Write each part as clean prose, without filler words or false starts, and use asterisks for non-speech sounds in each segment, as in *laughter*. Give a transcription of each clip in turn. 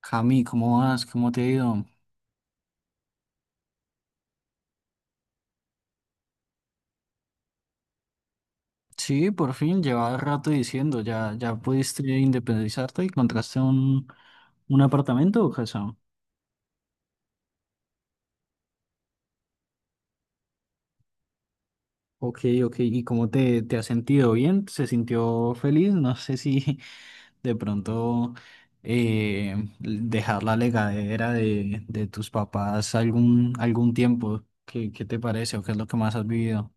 Cami, ¿cómo vas? ¿Cómo te ha ido? Sí, por fin, llevaba rato diciendo, ya pudiste independizarte y encontraste un apartamento o casa. Ok, ok, ¿y cómo te has sentido? ¿Bien? ¿Se sintió feliz? No sé si *laughs* de pronto dejar la legadera de tus papás algún tiempo. ¿Qué, qué te parece o qué es lo que más has vivido?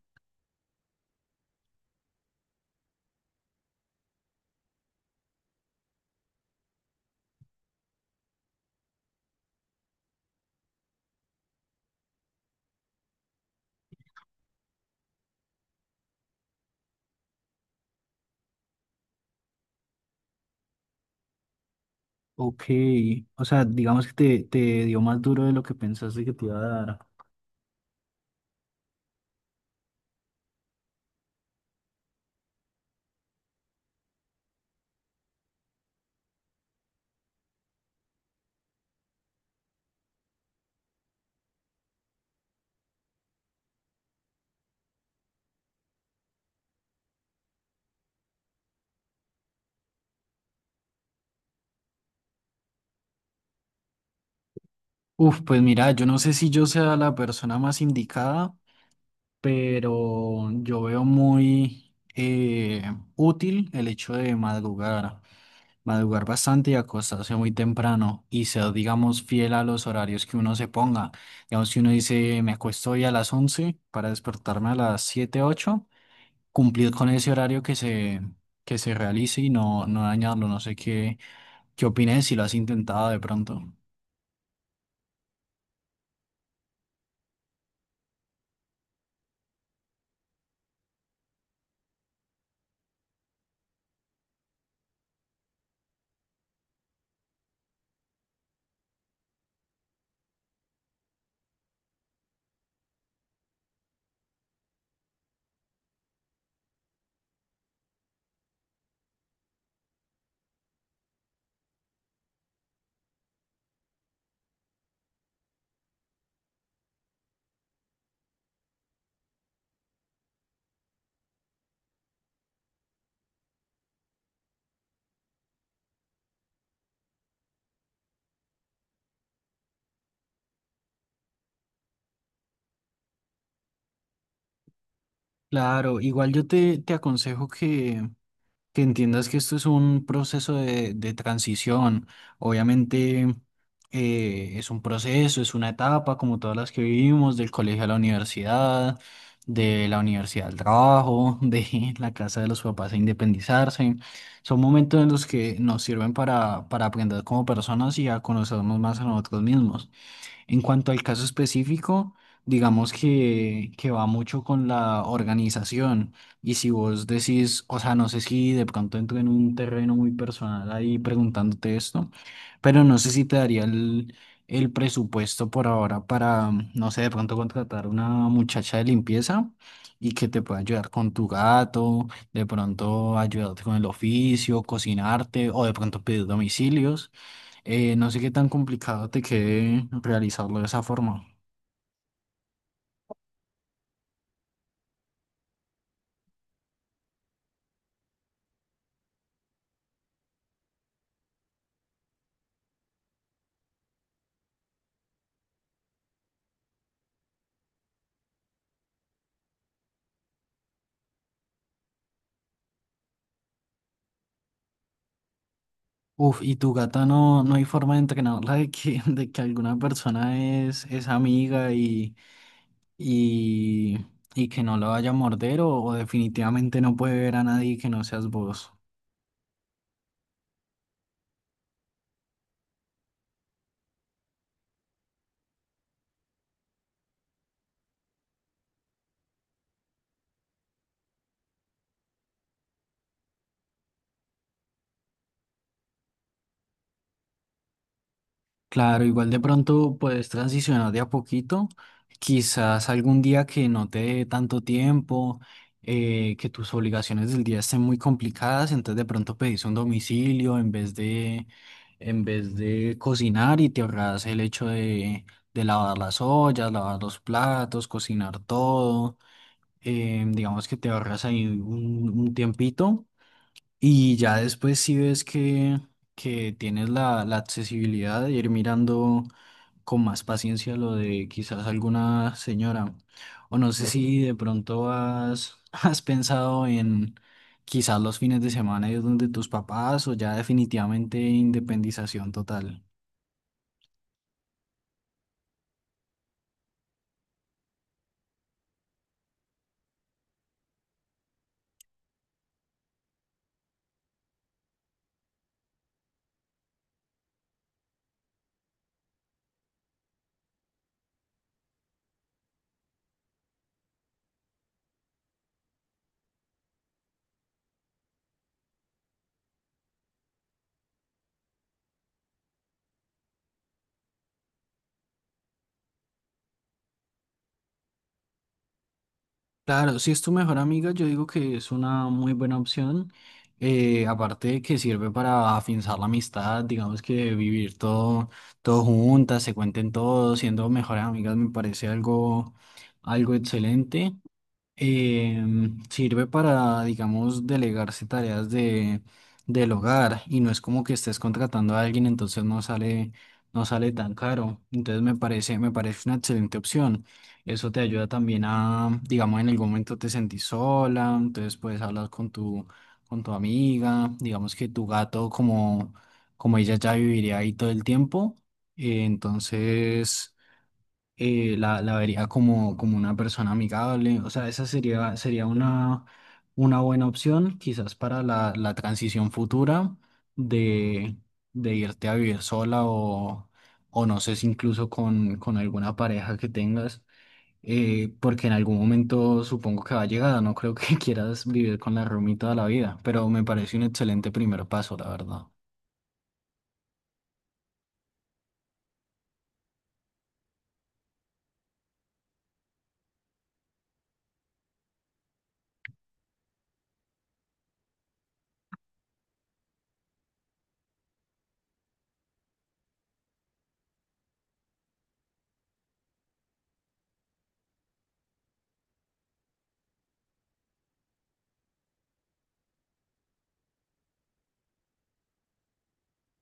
Ok, o sea, digamos que te dio más duro de lo que pensaste que te iba a dar. Uf, pues mira, yo no sé si yo sea la persona más indicada, pero yo veo muy útil el hecho de madrugar, madrugar bastante y acostarse muy temprano y ser, digamos, fiel a los horarios que uno se ponga. Digamos, si uno dice, me acuesto hoy a las 11 para despertarme a las 7 8, cumplir con ese horario que se realice y no dañarlo. No sé qué opinas si lo has intentado de pronto. Claro, igual yo te aconsejo que entiendas que esto es un proceso de transición. Obviamente es un proceso, es una etapa como todas las que vivimos, del colegio a la universidad, de la universidad al trabajo, de *laughs* la casa de los papás a independizarse. Son momentos en los que nos sirven para aprender como personas y a conocernos más a nosotros mismos. En cuanto al caso específico, digamos que va mucho con la organización. Y si vos decís, o sea, no sé si de pronto entro en un terreno muy personal ahí preguntándote esto, pero no sé si te daría el presupuesto por ahora para, no sé, de pronto contratar una muchacha de limpieza y que te pueda ayudar con tu gato, de pronto ayudarte con el oficio, cocinarte o de pronto pedir domicilios. No sé qué tan complicado te quede realizarlo de esa forma. Uf, y tu gata no, no hay forma de entrenarla de que, *laughs* de que alguna persona es amiga y, y que no la vaya a morder o definitivamente no puede ver a nadie que no seas vos. Claro, igual de pronto puedes transicionar de a poquito, quizás algún día que no te dé tanto tiempo, que tus obligaciones del día estén muy complicadas, entonces de pronto pedís un domicilio en vez de cocinar y te ahorras el hecho de lavar las ollas, lavar los platos, cocinar todo, digamos que te ahorras ahí un tiempito y ya después si ves que tienes la accesibilidad de ir mirando con más paciencia lo de quizás alguna señora. O no sé si de pronto has, *laughs* has pensado en quizás los fines de semana ir donde tus papás o ya definitivamente independización total. Claro, si es tu mejor amiga, yo digo que es una muy buena opción. Aparte de que sirve para afianzar la amistad, digamos que vivir todo juntas, se cuenten todo, siendo mejores amigas me parece algo excelente. Sirve para, digamos, delegarse tareas del hogar y no es como que estés contratando a alguien, entonces no sale, no sale tan caro. Entonces me parece una excelente opción. Eso te ayuda también a, digamos, en algún momento te sentís sola, entonces puedes hablar con con tu amiga, digamos que tu gato, como, como ella ya viviría ahí todo el tiempo, entonces la vería como, como una persona amigable. O sea, esa sería, sería una buena opción quizás para la transición futura de, de irte a vivir sola o no sé si incluso con alguna pareja que tengas. Eh, porque en algún momento supongo que va a llegar, no creo que *laughs* quieras vivir con la roomie toda la vida, pero me parece un excelente primer paso, la verdad.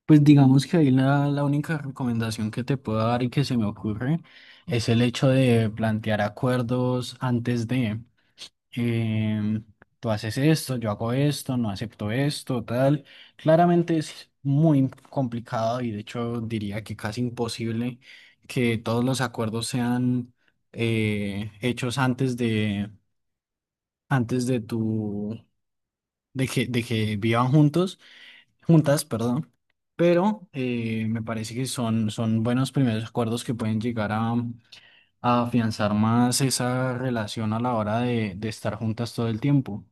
Pues digamos que ahí la única recomendación que te puedo dar y que se me ocurre es el hecho de plantear acuerdos antes de, em, tú haces esto, yo hago esto, no acepto esto, tal. Claramente es muy complicado y de hecho diría que casi imposible que todos los acuerdos sean hechos antes de tu, de que vivan juntos juntas, perdón, pero me parece que son, son buenos primeros acuerdos que pueden llegar a afianzar más esa relación a la hora de estar juntas todo el tiempo.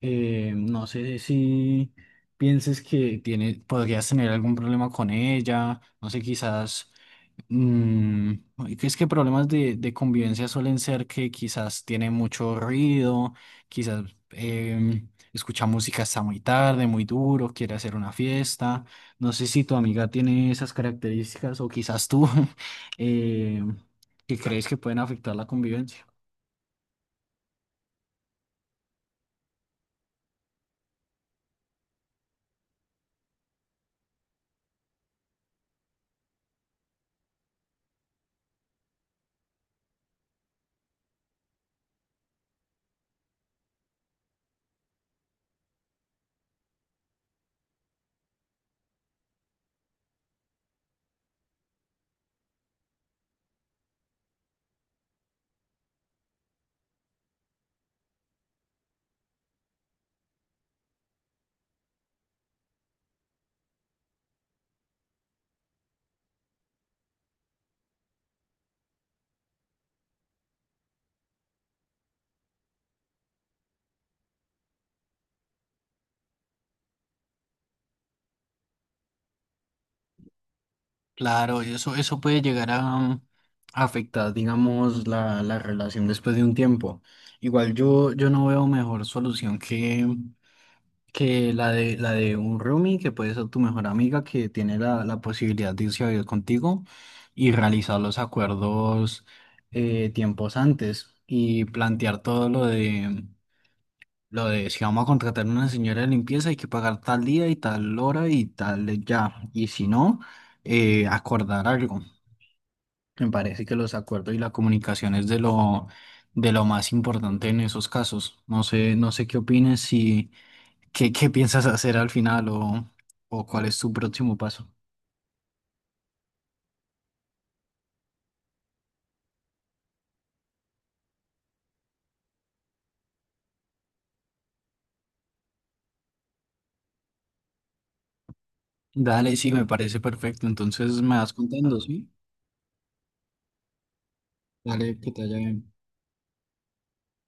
No sé si pienses que tiene, podrías tener algún problema con ella, no sé, quizás. Mm, ay, que es que problemas de convivencia suelen ser que quizás tiene mucho ruido, quizás escucha música hasta muy tarde, muy duro, quiere hacer una fiesta. No sé si tu amiga tiene esas características o quizás tú *laughs* em, que crees que pueden afectar la convivencia. Claro, eso puede llegar a afectar, digamos, la relación después de un tiempo. Igual yo, yo no veo mejor solución que la de un roomie, que puede ser tu mejor amiga, que tiene la posibilidad de irse a vivir contigo y realizar los acuerdos tiempos antes y plantear todo lo de si vamos a contratar una señora de limpieza hay que pagar tal día y tal hora y tal ya. Y si no, acordar algo. Me parece que los acuerdos y la comunicación es de lo más importante en esos casos. No sé, no sé qué opines si... ¿Qué, qué piensas hacer al final o cuál es tu próximo paso? Dale, sí, me parece perfecto. Entonces me vas contando, ¿sí? Dale, que te haya bien.